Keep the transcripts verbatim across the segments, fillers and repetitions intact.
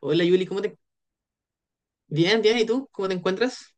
Hola Yuli, ¿cómo te... Bien, bien, ¿y tú? ¿Cómo te encuentras?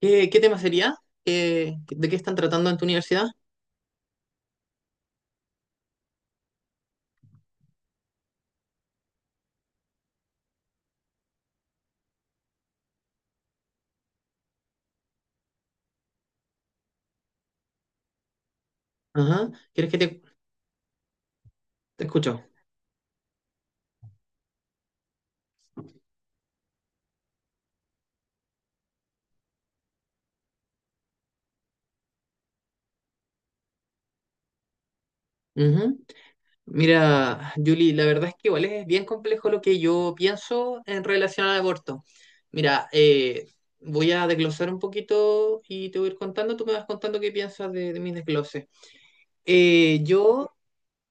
¿Qué, qué tema sería? ¿Qué- de qué están tratando en tu universidad? Ajá, ¿quieres que te, te escucho? Ujú. Mira, Julie, la verdad es que igual es bien complejo lo que yo pienso en relación al aborto. Mira, eh, voy a desglosar un poquito y te voy a ir contando, tú me vas contando qué piensas de, de mis desgloses. Eh, yo,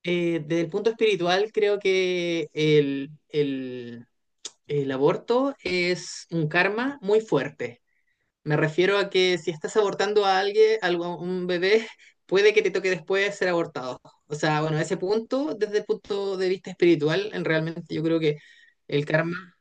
eh, Desde el punto espiritual, creo que el, el- El aborto es un karma muy fuerte. Me refiero a que si estás abortando a alguien, algo- a un bebé, puede que te toque después ser abortado. O sea, bueno, ese punto, desde el punto de vista espiritual, en- realmente yo creo que el karma.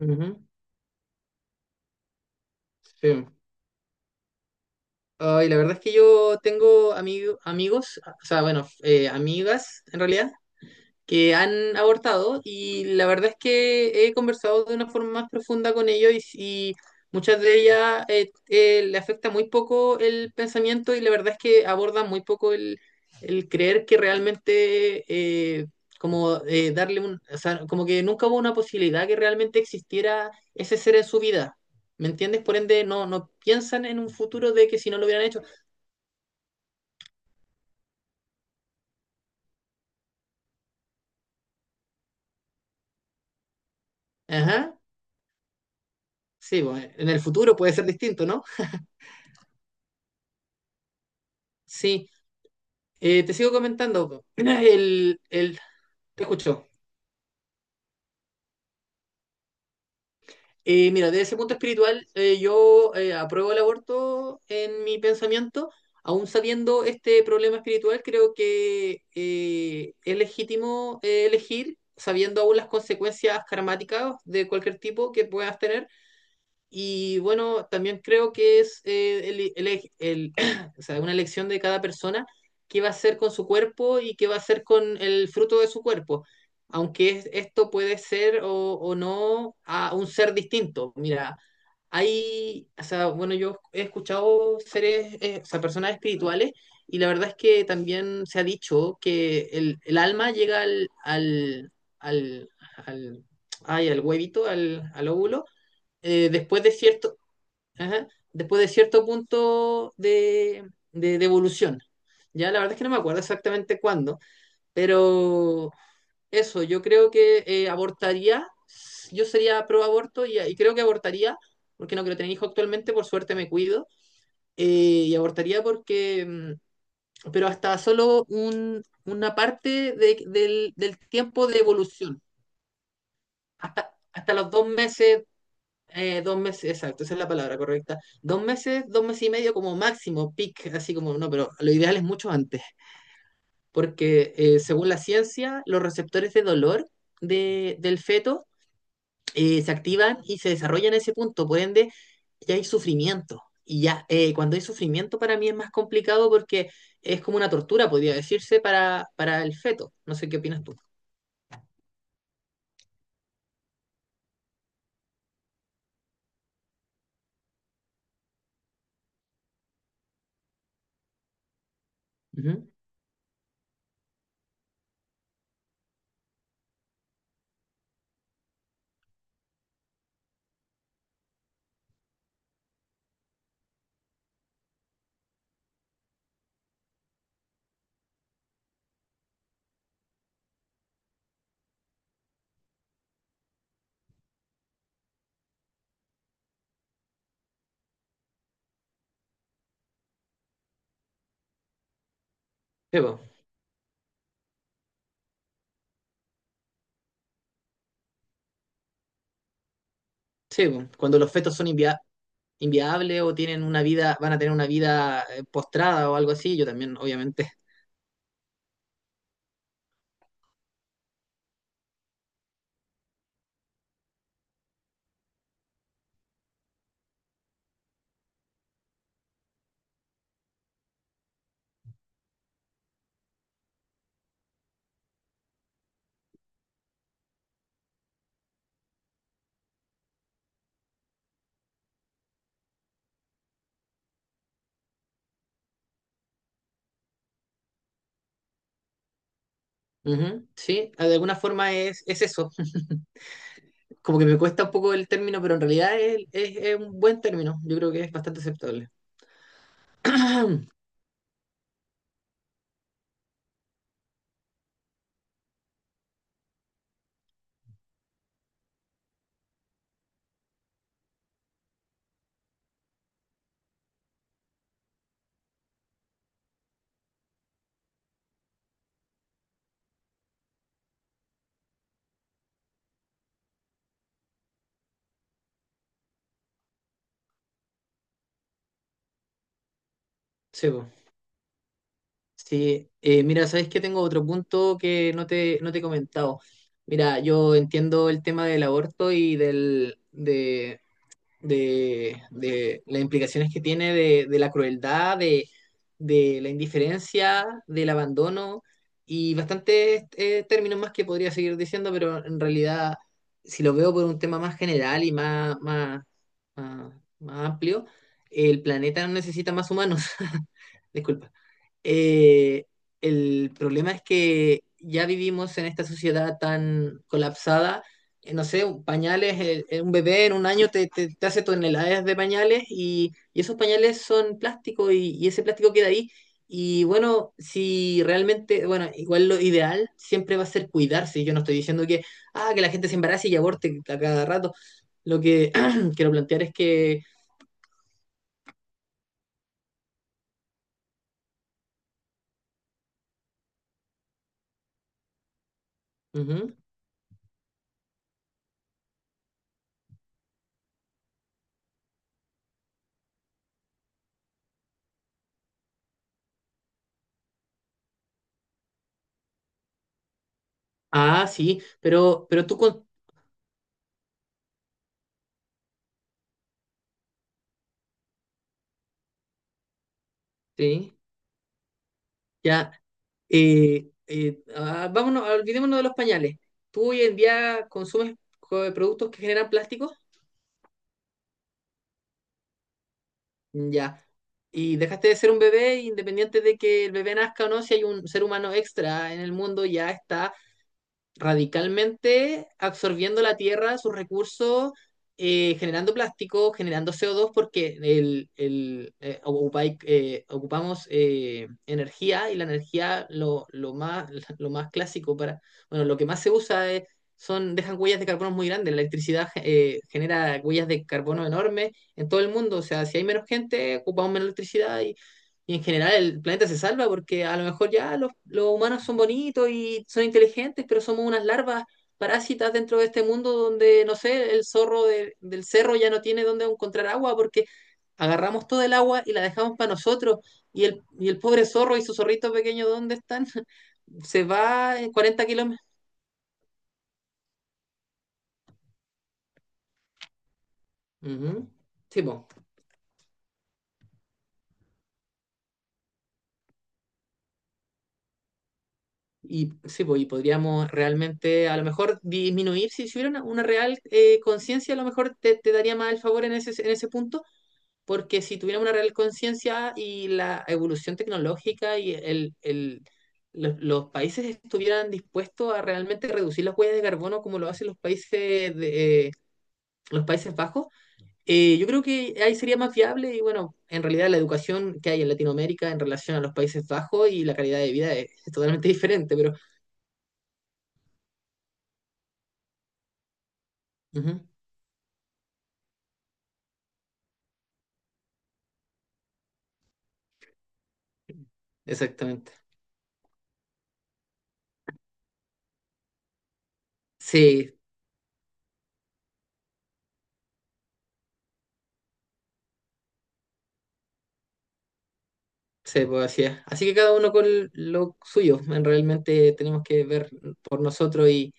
Ujú, sí. Ay, la verdad es que yo tengo ami- amigos, o sea, bueno, eh, amigas en realidad, que han abortado y la verdad es que he conversado de una forma más profunda con ellos y, y muchas de ellas eh, eh, le afecta muy poco el pensamiento y la verdad es que abordan muy poco el, el creer que realmente eh, como eh, darle un, o sea, como que nunca hubo una posibilidad que realmente existiera ese ser en su vida. ¿Me entiendes? Por ende, no, no piensan en un futuro de que si no lo hubieran hecho. Ajá. Sí, bueno, en el futuro puede ser distinto, ¿no? Sí. Eh, te sigo comentando, po. el, el, te escucho. Eh, mira, desde ese punto espiritual, eh, yo eh, apruebo el aborto en mi pensamiento, aún sabiendo este problema espiritual, creo que eh, es legítimo eh, elegir, sabiendo aún las consecuencias karmáticas de cualquier tipo que puedas tener. Y bueno, también creo que es eh, el- el- el- o sea, una elección de cada persona qué va a hacer con su cuerpo y qué va a hacer con el fruto de su cuerpo. Aunque es- esto puede ser o, o no a un ser distinto. Mira, hay, o sea, bueno, yo he escuchado seres, eh, o sea, personas espirituales y la verdad es que también se ha dicho que el, el alma llega al, al, al, al, ay, al huevito, al, al óvulo eh, después de cierto, ajá, después de cierto punto de, de, de evolución. Ya la verdad es que no me acuerdo exactamente cuándo, pero eso, yo creo que eh, abortaría, yo sería pro aborto y, y creo que abortaría, porque no quiero tener hijo actualmente, por suerte me cuido, eh, y abortaría porque, mm, pero hasta solo un, una parte de- del, del tiempo de evolución, hasta, hasta los dos meses. Eh, dos meses, exacto, esa es la palabra correcta. Dos meses, dos meses y medio como máximo, peak, así como no, pero lo ideal es mucho antes, porque eh, según la ciencia, los receptores de dolor de- del feto eh, se activan y se desarrollan en ese punto, por ende, ya hay sufrimiento. Y ya eh, cuando hay sufrimiento para mí es más complicado porque es como una tortura, podría decirse, para, para el feto. No sé qué opinas tú. Ujú. Sí, po. Sí, po. Cuando los fetos son enviados inviable o tienen una vida, van a tener una vida eh, postrada o algo así, yo también, obviamente. Ujú, sí, de alguna forma es, es eso. Como que me cuesta un poco el término, pero en realidad es, es- es un buen término. Yo creo que es bastante aceptable. Sí, po. Sí, eh, mira, sabes que tengo otro punto que no te, no te he comentado. Mira, yo entiendo el tema del aborto y del, de, de, de las implicaciones que tiene de, de la crueldad, de, de la indiferencia, del abandono y bastantes eh, términos más que podría seguir diciendo, pero en realidad, si lo veo por un tema más general y más, más, más, más amplio, el planeta no necesita más humanos. Disculpa. Eh, el problema es que ya vivimos en esta sociedad tan colapsada eh, no sé, un- pañales, eh, eh, un bebé en un año te, te- te hace toneladas de pañales y, y esos pañales son plástico y, y ese plástico queda ahí. Y bueno, si realmente, bueno, igual lo ideal siempre va a ser cuidarse. Yo no estoy diciendo que, ah, que la gente se embarace y aborte a cada rato. Lo que quiero plantear es que... ujú. Ah, sí, pero, pero tú con... Sí, ya. eh, eh, ah, vámonos, olvidémonos de los pañales. ¿Tú hoy en día consumes co- productos que generan plástico? Ya. Y dejaste de ser un bebé, independiente de que el bebé nazca o no, si hay un ser humano extra en el mundo, ya está radicalmente absorbiendo la tierra, sus recursos, eh, generando plástico, generando C O dos, porque el, el, eh, ocupai- eh, ocupamos eh, energía y la energía lo, lo más, lo más clásico para, bueno, lo que más se usa es- son, dejan huellas de carbono muy grandes, la electricidad eh, genera huellas de carbono enormes en todo el mundo, o sea, si hay menos gente, ocupamos menos electricidad y y en general el planeta se salva porque a lo mejor ya los, los humanos son bonitos y son inteligentes, pero somos unas larvas parásitas dentro de este mundo donde, no sé, el zorro de- del cerro ya no tiene dónde encontrar agua porque agarramos todo el agua y la dejamos para nosotros. Y el, y el pobre zorro y su zorrito pequeño, ¿dónde están? Se va en cuarenta kilómetros. Ujú. Sí, po. Y, sí, po, y podríamos realmente a lo mejor disminuir, si si hubiera una, una real eh, conciencia, a lo mejor te, te daría más el favor en ese, en ese punto, porque si tuviéramos una real conciencia y la evolución tecnológica y el, el- los, los países estuvieran dispuestos a realmente reducir las huellas de carbono como lo hacen los países de, eh, los Países Bajos, eh, yo creo que ahí sería más viable y bueno, en realidad la educación que hay en Latinoamérica en relación a los Países Bajos y la calidad de vida es, es totalmente diferente, pero ujú, exactamente. Sí, sí, pues así es. Así que cada uno con lo suyo, en realmente tenemos que ver por nosotros y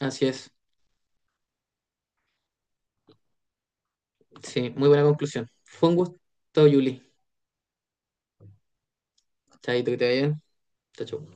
así es. Sí, muy buena conclusión. Fue un gusto, Yuli. Chaito, que te vaya. Bien. Chao, chao.